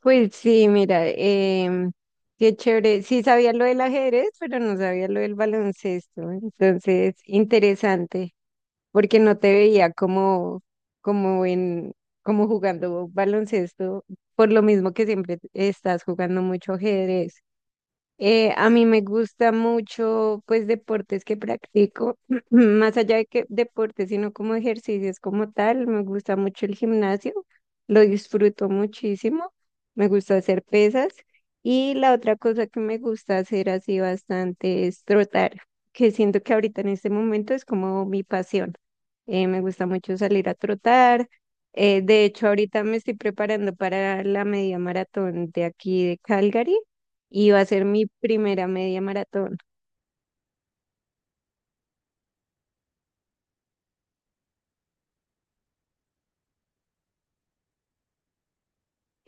Pues sí, mira, qué chévere. Sí sabía lo del ajedrez, pero no sabía lo del baloncesto. Entonces, interesante, porque no te veía como en, como jugando baloncesto, por lo mismo que siempre estás jugando mucho ajedrez. A mí me gusta mucho, pues, deportes que practico, más allá de que deportes, sino como ejercicios como tal. Me gusta mucho el gimnasio, lo disfruto muchísimo. Me gusta hacer pesas. Y la otra cosa que me gusta hacer así bastante es trotar, que siento que ahorita en este momento es como mi pasión. Me gusta mucho salir a trotar. De hecho, ahorita me estoy preparando para la media maratón de aquí de Calgary y va a ser mi primera media maratón.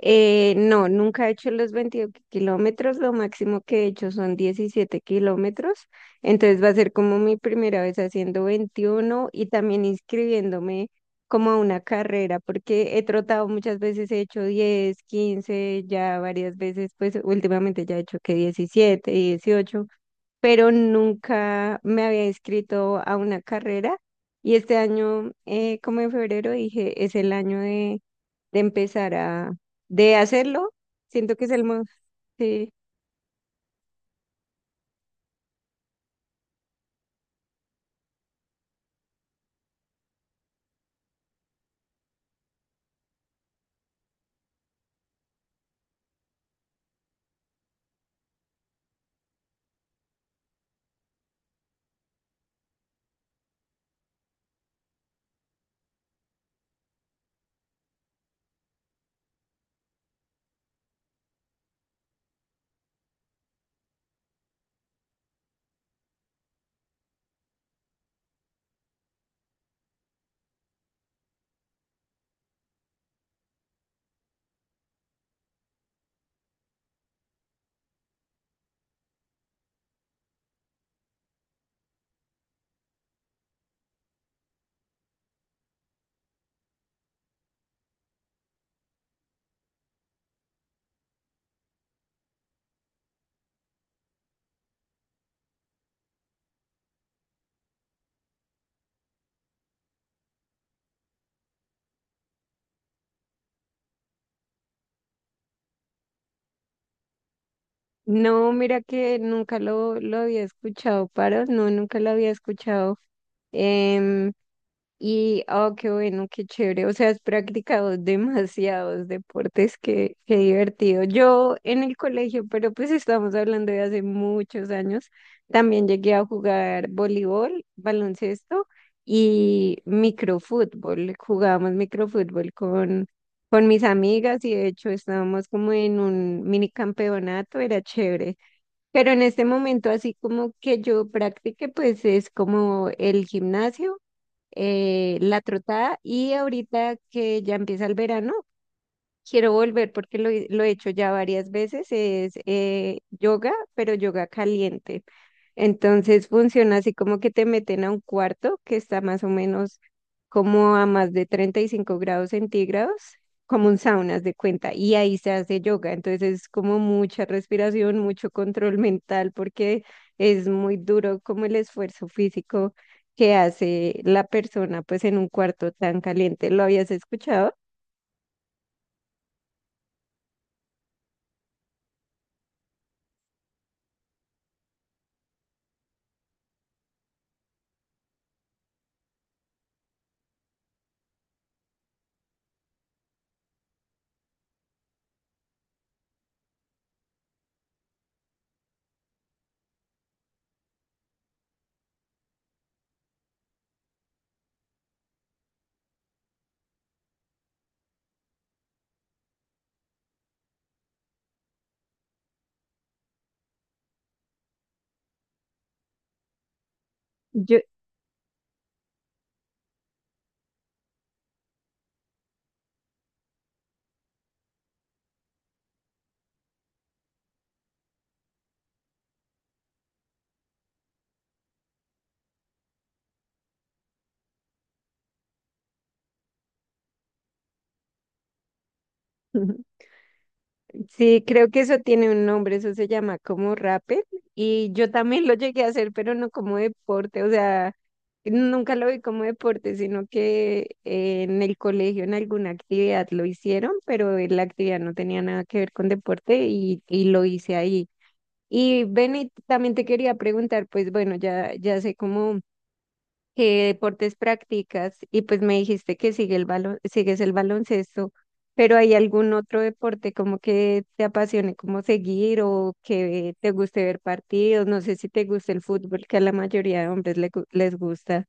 No, nunca he hecho los 22 kilómetros, lo máximo que he hecho son 17 kilómetros, entonces va a ser como mi primera vez haciendo 21 y también inscribiéndome como a una carrera, porque he trotado muchas veces, he hecho 10 15 ya varias veces, pues últimamente ya he hecho que 17, 18 pero nunca me había inscrito a una carrera y este año, como en febrero, dije, es el año de empezar de hacerlo. Siento que es el mo- Sí. No, mira que nunca lo había escuchado, Paro, no, nunca lo había escuchado. Em, Y, oh, qué bueno, qué chévere. O sea, has practicado demasiados deportes, qué divertido. Yo en el colegio, pero pues estamos hablando de hace muchos años, también llegué a jugar voleibol, baloncesto y microfútbol. Jugábamos microfútbol con mis amigas y de hecho estábamos como en un mini campeonato, era chévere. Pero en este momento, así como que yo practique, pues es como el gimnasio, la trotada y ahorita que ya empieza el verano, quiero volver porque lo he hecho ya varias veces, es, yoga, pero yoga caliente. Entonces funciona así como que te meten a un cuarto que está más o menos como a más de 35 grados centígrados, como un sauna, haz de cuenta, y ahí se hace yoga. Entonces es como mucha respiración, mucho control mental, porque es muy duro como el esfuerzo físico que hace la persona pues en un cuarto tan caliente. ¿Lo habías escuchado? Yo... Sí, creo que eso tiene un nombre, eso se llama como rappel y yo también lo llegué a hacer, pero no como deporte, o sea, nunca lo vi como deporte, sino que en el colegio en alguna actividad lo hicieron, pero la actividad no tenía nada que ver con deporte y lo hice ahí. Y Benny, también te quería preguntar, pues bueno, ya, ya sé cómo. ¿Qué deportes practicas? Y pues me dijiste que sigues el baloncesto, pero ¿hay algún otro deporte como que te apasione como seguir o que te guste ver partidos? No sé si te gusta el fútbol, que a la mayoría de hombres les gusta.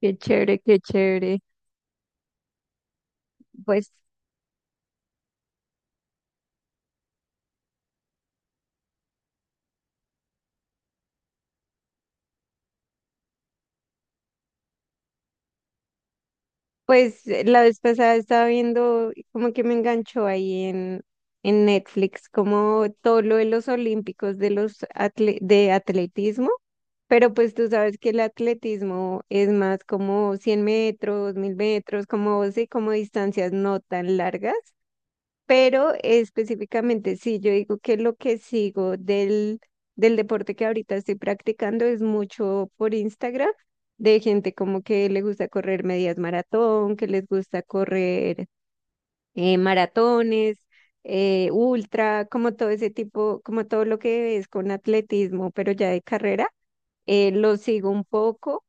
Qué chévere, qué chévere. Pues, la vez pasada estaba viendo y como que me enganchó ahí en Netflix, como todo lo de los olímpicos de atletismo. Pero pues tú sabes que el atletismo es más como 100 metros, 1000 metros, como, sí, como distancias no tan largas, pero específicamente sí, yo digo que lo que sigo del deporte que ahorita estoy practicando es mucho por Instagram, de gente como que le gusta correr medias maratón, que les gusta correr, maratones, ultra, como todo ese tipo, como todo lo que es con atletismo, pero ya de carrera, lo sigo un poco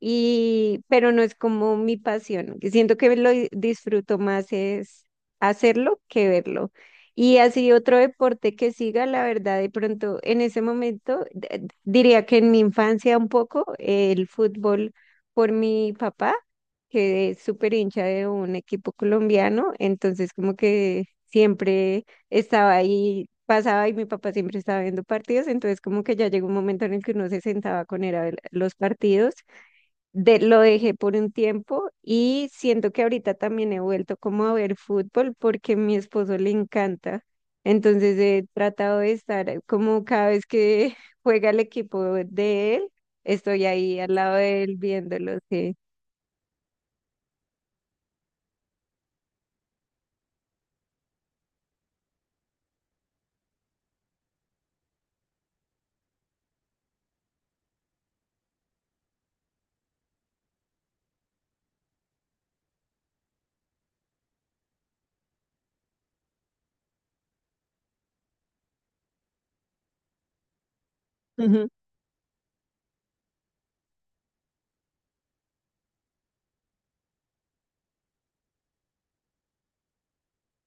pero no es como mi pasión. Que Siento que lo disfruto más es hacerlo que verlo. Y así otro deporte que siga, la verdad, de pronto en ese momento, diría que en mi infancia un poco, el fútbol por mi papá, que es súper hincha de un equipo colombiano, entonces como que siempre estaba ahí, pasaba y mi papá siempre estaba viendo partidos, entonces como que ya llegó un momento en el que uno se sentaba con él a ver los partidos lo dejé por un tiempo y siento que ahorita también he vuelto como a ver fútbol porque a mi esposo le encanta. Entonces he tratado de estar como cada vez que juega el equipo de él, estoy ahí al lado de él viéndolo, sí. Ujú.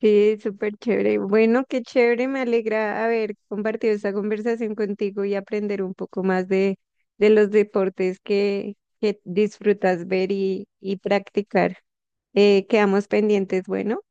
Sí, súper chévere. Bueno, qué chévere, me alegra haber compartido esta conversación contigo y aprender un poco más de los deportes que disfrutas ver y practicar. Quedamos pendientes, bueno.